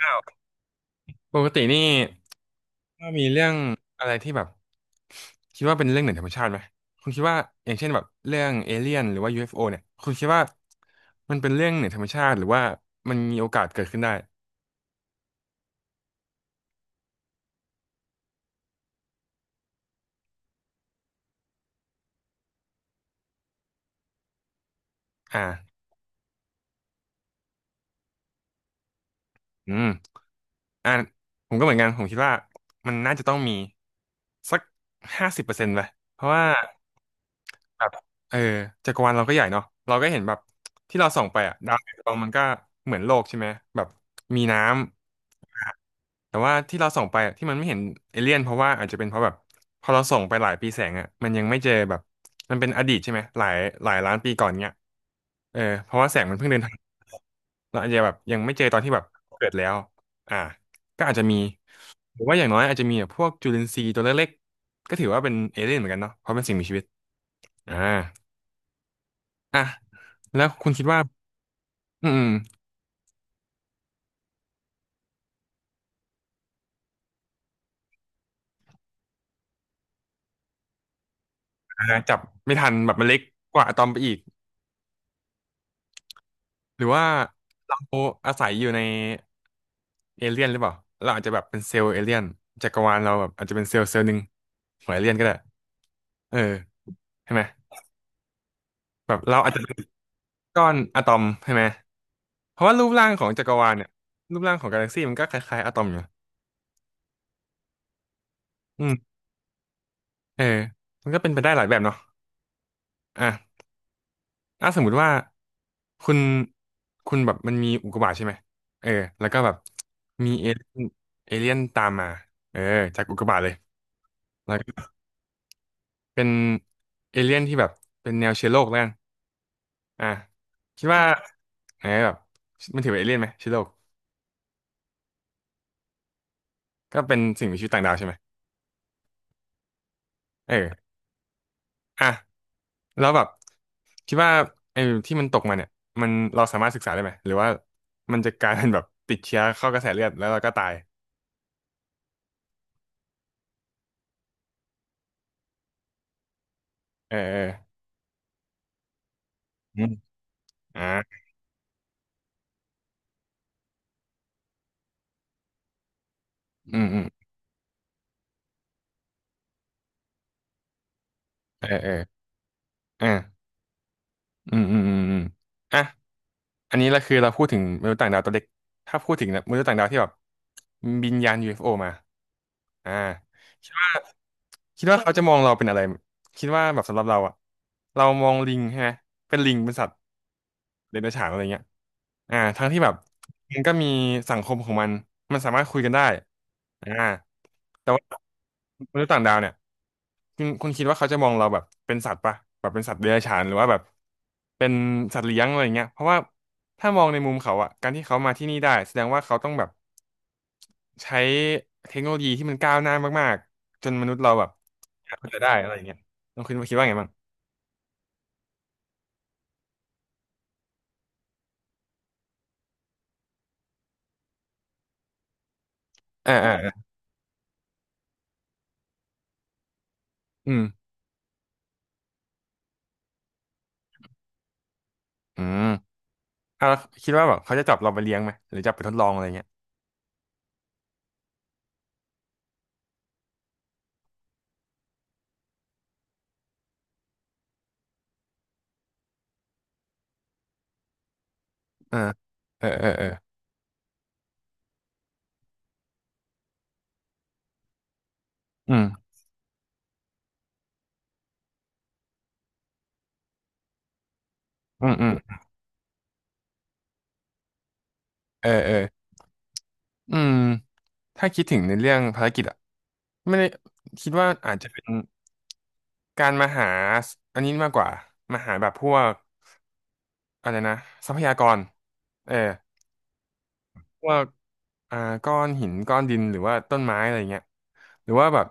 อ้าวปกตินี่ว่ามีเรื่องอะไรที่แบบคิดว่าเป็นเรื่องเหนือธรรมชาติไหมคุณคิดว่าอย่างเช่นแบบเรื่องเอเลี่ยนหรือว่า u โอเนี่ยคุณคิดว่ามันเป็นเรื่องเหนือธรรมชาติหรือว่ามันมีโอกาสเกิดขึ้นได้อ่าอืมอ่าผมก็เหมือนกันผมคิดว่ามันน่าจะต้องมีสัก50%ไปเพราะว่าแบบเออจักรวาลเราก็ใหญ่เนาะเราก็เห็นแบบที่เราส่องไปอะดาวดวงมันก็เหมือนโลกใช่ไหมแบบมีน้ำ แต่ว่าที่เราส่งไปอะที่มันไม่เห็นเอเลี่ยนเพราะว่าอาจจะเป็นเพราะแบบพอเราส่งไปหลายปีแสงอ่ะมันยังไม่เจอแบบมันเป็นอดีตใช่ไหมหลายล้านปีก่อนเนี้ยเพราะว่าแสงมันเพิ่งเดินทางเราอาจจะแบบยังไม่เจอตอนที่แบบเกิดแล้วอ่าก็อาจจะมีหรือว่าอย่างน้อยอาจจะมีแบบพวกจุลินทรีย์ตัวเล็กๆก็ถือว่าเป็นเอเลี่ยนเหมือนกันเนาะเพราะเป็นสิ่งมีชีวิตอ่าอ่ะแล้วคุณคิดว่าอืมอืมอ่าจับไม่ทันแบบมันเล็กกว่าอะตอมไปอีก หรือว่าเราอาศัยอยู่ในเอเลี่ยนหรือเปล่าเราอาจจะแบบเป็นเซลล์เอเลี่ยนจักรวาลเราแบบอาจจะเป็นเซลล์เซลล์หนึ่งของเอเลี่ยนก็ได้เออใช่ไหมแบบเราอาจจะเป็นก้อนอะตอมใช่ไหมเพราะว่ารูปร่างของจักรวาลเนี่ยรูปร่างของกาแล็กซี่มันก็คล้ายๆอะตอมอยู่อืมเออมันก็เป็นไปได้หลายแบบเนาะอ่ะถ้าสมมุติว่าคุณคุณแบบมันมีอุกกาบาตใช่ไหมเออแล้วก็แบบมีเอเลี่ยนตามมาเออจากอุกกาบาตเลย เป็นเอเลี่ยนที่แบบเป็นแนวเชื้อโรคแล้วกันอ่ะคิดว่าไงแบบมันถือเป็นเอเลี่ยนไหมเชื้อโรคก็เป็นสิ่งมีชีวิตต่างดาวใช่ไหมเอออ่ะแล้วแบบคิดว่าไอ้ที่มันตกมาเนี่ยมันเราสามารถศึกษาได้ไหมหรือว่ามันจะกลายเป็นแบบติดเชื้อเข้ากระแสเลือดแล้วเราก็ตายเออเอออืมอ่าอืมอืมเออเออเอออืมอืมอืมอืมอ่ะ อันนี้เราคือเราพูดถึงมนุษย์ต่างดาวตัวเล็กถ้าพูดถึงมนุษย์ต่างดาวที่แบบบินยาน UFO มาอ่าคิดว่าคิดว่าเขาจะมองเราเป็นอะไร คิดว่าแบบสำหรับเราอะเรามองลิงใช่ไหมเป็นลิงเป็นสัตว์เดรัจฉานอะไรเงี้ยทั้งที่แบบมันก็มีสังคมของมันมันสามารถคุยกันได้อ่าแต่ว่ามนุษย์ต่างดาวเนี่ยคุณคิดว่าเขาจะมองเราแบบเป็นสัตว์ปะแบบเป็นสัตว์เดรัจฉานหรือว่าแบบเป็นสัตว์เลี้ยงอะไรเงี้ยเพราะว่าถ้ามองในมุมเขาอะการที่เขามาที่นี่ได้แสดงว่าเขาต้องแบบใช้เทคโนโลยีที่มันก้าวหน้ามากๆจนมนุษย์เราแบบหาเขาจะได้อะไรเงี้ย น้องคุณคิดว่าไงบ้างอ่าอ่าอ่าอืมอืมแล้วคิดว่าแบบเขาจะจับเราไปเลี้ยงไหมหรือจับไปทดลองอะไรเงี้ยเออเออเออเอออืมอืมอืมเออเอออืมถ้าคิดถึงในเรื่องภารกิจอะไม่ได้คิดว่าอาจจะเป็นการมาหาอันนี้มากกว่า มาหาแบบพวกอะไรนะทรัพยากรเออพวกอ่าก้อนหินก้อนดินหรือว่าต้นไม้อะไรเงี้ยหรือว่าแบบ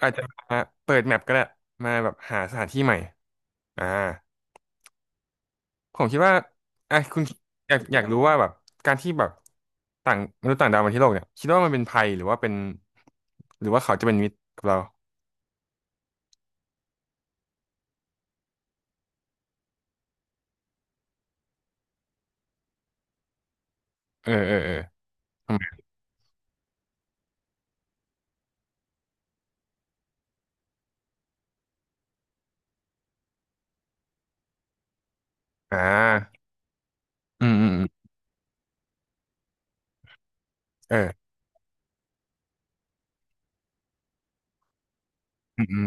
อาจจะมาเปิดแมปก็ได้มาแบบหาสถานที่ใหม่อ่า ผมคิดว่าอ่ะคุณอยากรู้ว่าแบบการที่แบบต่างมนุษย์ต่างดาวมาที่โลกเนี่ยคิดว่ามันเป็นภัยหรือว่าเป็นหรือว่าเขาจะเป็นมิตรกับเราเออเออเออทำไมอ่าอืมอืมอืมเอออืมอืม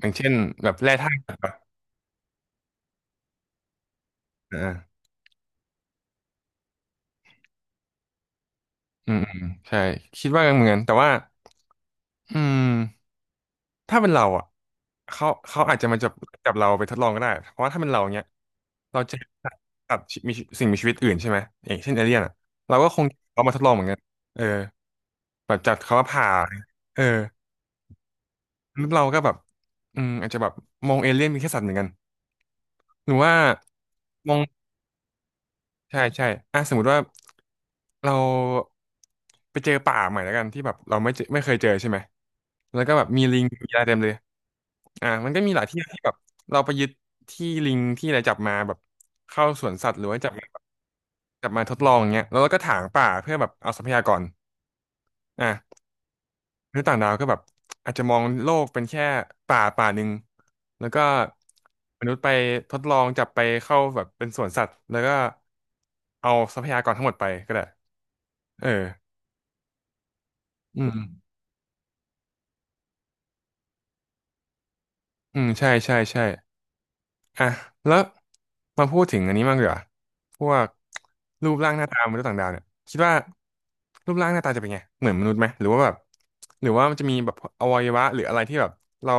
อย่างเช่นแบบแร่ธาตุอ่ะอาอืมอืมใช่คิดว่าเหมือนกันแต่ว่าอืมถ้าเป็นเราอ่ะเขาอาจจะมาจับจับเราไปทดลองก็ได้เพราะว่าถ้าเป็นเราเนี้ยเราจะตัดตัดมีสิ่งมีชีวิตอื่นใช่ไหมอย่างเช่นเอเลี่ยนอ่ะเราก็คงเอามาทดลองเหมือนกันเออ แบบจัดเขาว่าผ่าเออแล้วเราก็แบบอืมอาจจะแบบมองเอเลี่ยนเป็นแค่สัตว์เหมือนกันหรือว่ามองใช่ใช่อ่ะสมมติว่าเราไปเจอป่าใหม่แล้วกันที่แบบเราไม่เจอไม่เคยเจอใช่ไหมแล้วก็แบบมีลิงมีอะไรเต็มเลยอ่ะมันก็มีหลายที่ที่แบบเราไปยึดที่ลิงที่อะไรจับมาแบบเข้าสวนสัตว์หรือว่าจับมาจับมาทดลองอย่างเงี้ยแล้วเราก็ถางป่าเพื่อแบบเอาทรัพยากรอ่ะ มนุษย์ต่างดาวก็แบบอาจจะมองโลกเป็นแค่ป่าป่าหนึ่งแล้วก็มนุษย์ไปทดลองจับไปเข้าแบบเป็นสวนสัตว์แล้วก็เอาทรัพยากรทั้งหมดไปก็ได้เอออืมอืมใช่ใช่ใช่ อ่ะแล้วมาพูดถึงอันนี้มากดีกว่าพวกรูปร่างหน้าตามนุษย์ต่างดาวเนี่ยคิดว่ารูปร่างหน้าตาจะเป็นไงเหมือนมนุษย์ไหมหรือว่าแบบหรือว่ามันจะมีแบบอวัยวะหรืออะไรที่แบบเรา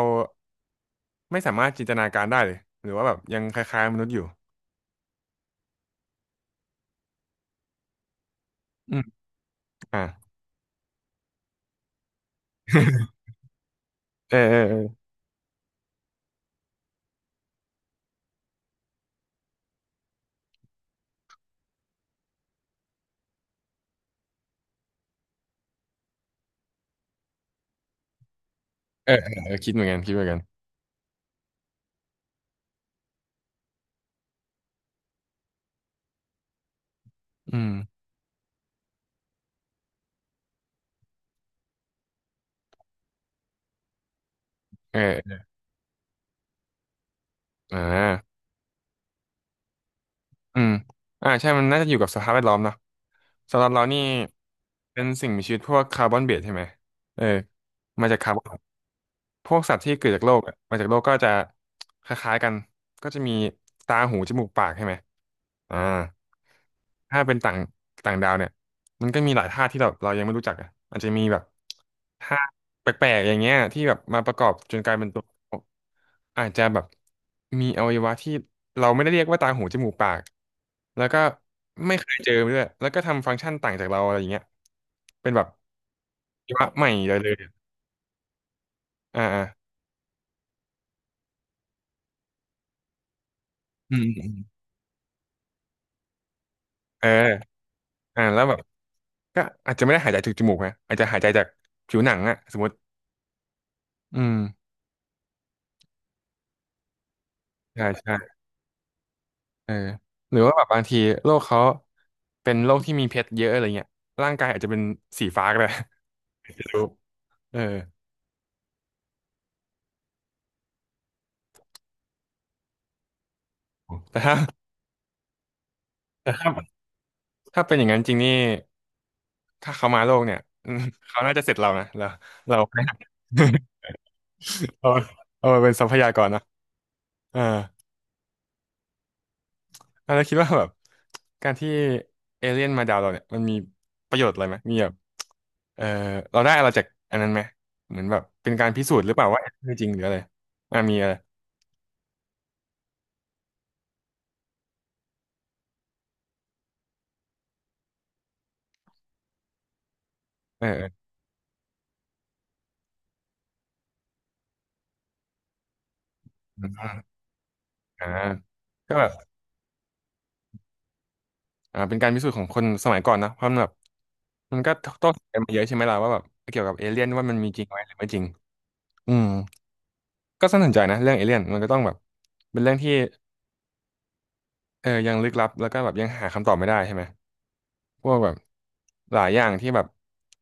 ไม่สามารถจินตนาการได้เลยหรือว่าแบบยังคล้ายๆมนุษย์อยู่อืมอ่า เออเออเออเออเออเออคิดเหมือนกันคิดเหมือนกันอืมเอออ่าอืมใช่มันน่าจะอยู่กับสภาพแวดล้อมเนาะสำหรับเรานี่เป็นสิ่งมีชีวิตพวกคาร์บอนเบสใช่ไหมเออมาจากคาร์บอน พวกสัตว์ที่เกิดจากโลกอะมาจากโลกก็จะคล้ายๆกันก็จะมีตาหูจมูกปากใช่ไหมอ่าถ้าเป็นต่างต่างดาวเนี่ยมันก็มีหลายธาตุที่เรายังไม่รู้จักอ่ะอาจจะมีแบบธาตุแปลกๆอย่างเงี้ยที่แบบมาประกอบจนกลายเป็นตัวอาจจะแบบมีอวัยวะที่เราไม่ได้เรียกว่าตาหูจมูกปากแล้วก็ไม่เคยเจอด้วยแล้วก็ทำฟังก์ชันต่างจากเราอะไรอย่างเงี้ยเป็นแบบอวัยวะใหม่เลยอ่าอืม เออแล้วแบบก็อาจจะไม่ได้หายใจจากจมูกนะอาจจะหายใจจากผิวหนังอะสมมติอืมใช่ใช่เออหรือว่าแบบบางทีโรคเขาเป็นโรคที่มีเพชรเยอะอะไรเงี้ยร่างกายอาจจะเป็นสีฟ้าก็ได้ ไม่รู้เออแต่ถ้าแต่ถ้าถ้าเป็นอย่างนั้นจริงนี่ถ้าเขามาโลกเนี่ย อืมเขาน่าจะเสร็จเรานะเรา เราเอามาเป็นทรัพยากรนะเออ อ่ะแล้วคิดว่าแบบการที่เอเลี่ยนมาดาวเราเนี่ยมันมีประโยชน์อะไรไหมมีแบบเออเราได้อะไรจากอันนั้นไหมเหมือนแบบเป็นการพิสูจน์หรือเปล่าว่าคือจริงหรืออะไรอ่ะมีอะไรเออเอออ่าก็แบบเป็นการพิสูจน์ของคนสมัยก่อนนะเพราะมันแบบมันก็ต้องกันมาเยอะใช่ไหมล่ะว่าแบบเกี่ยวกับเอเลี่ยนว่ามันมีจริงไหมหรือไม่จริงอืมก็สนใจนะเรื่องเอเลี่ยนมันก็ต้องแบบเป็นเรื่องที่เออยังลึกลับแล้วก็แบบยังหาคำตอบไม่ได้ใช่ไหม พวกแบบหลายอย่างที่แบบ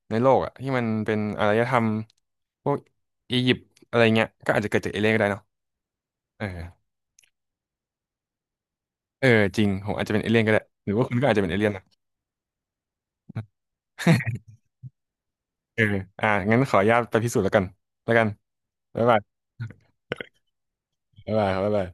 ในโลกอะที่มันเป็นอารยธรรมพวกอียิปต์อะไรเงี้ยก็อาจจะเกิดจากเอเลี่ยนก็ได้เนาะเออเออจริงผมอาจจะเป็นเอเลี่ยนก็ได้หรือว่าคุณก็อาจจะเป็นเอเลี่ยนนะ เอออ่ะงั้นขออนุญาตไปพิสูจน์แล้วกันแล้วกันบ๊ายบายบ๊ายบายครับบ๊ายบาย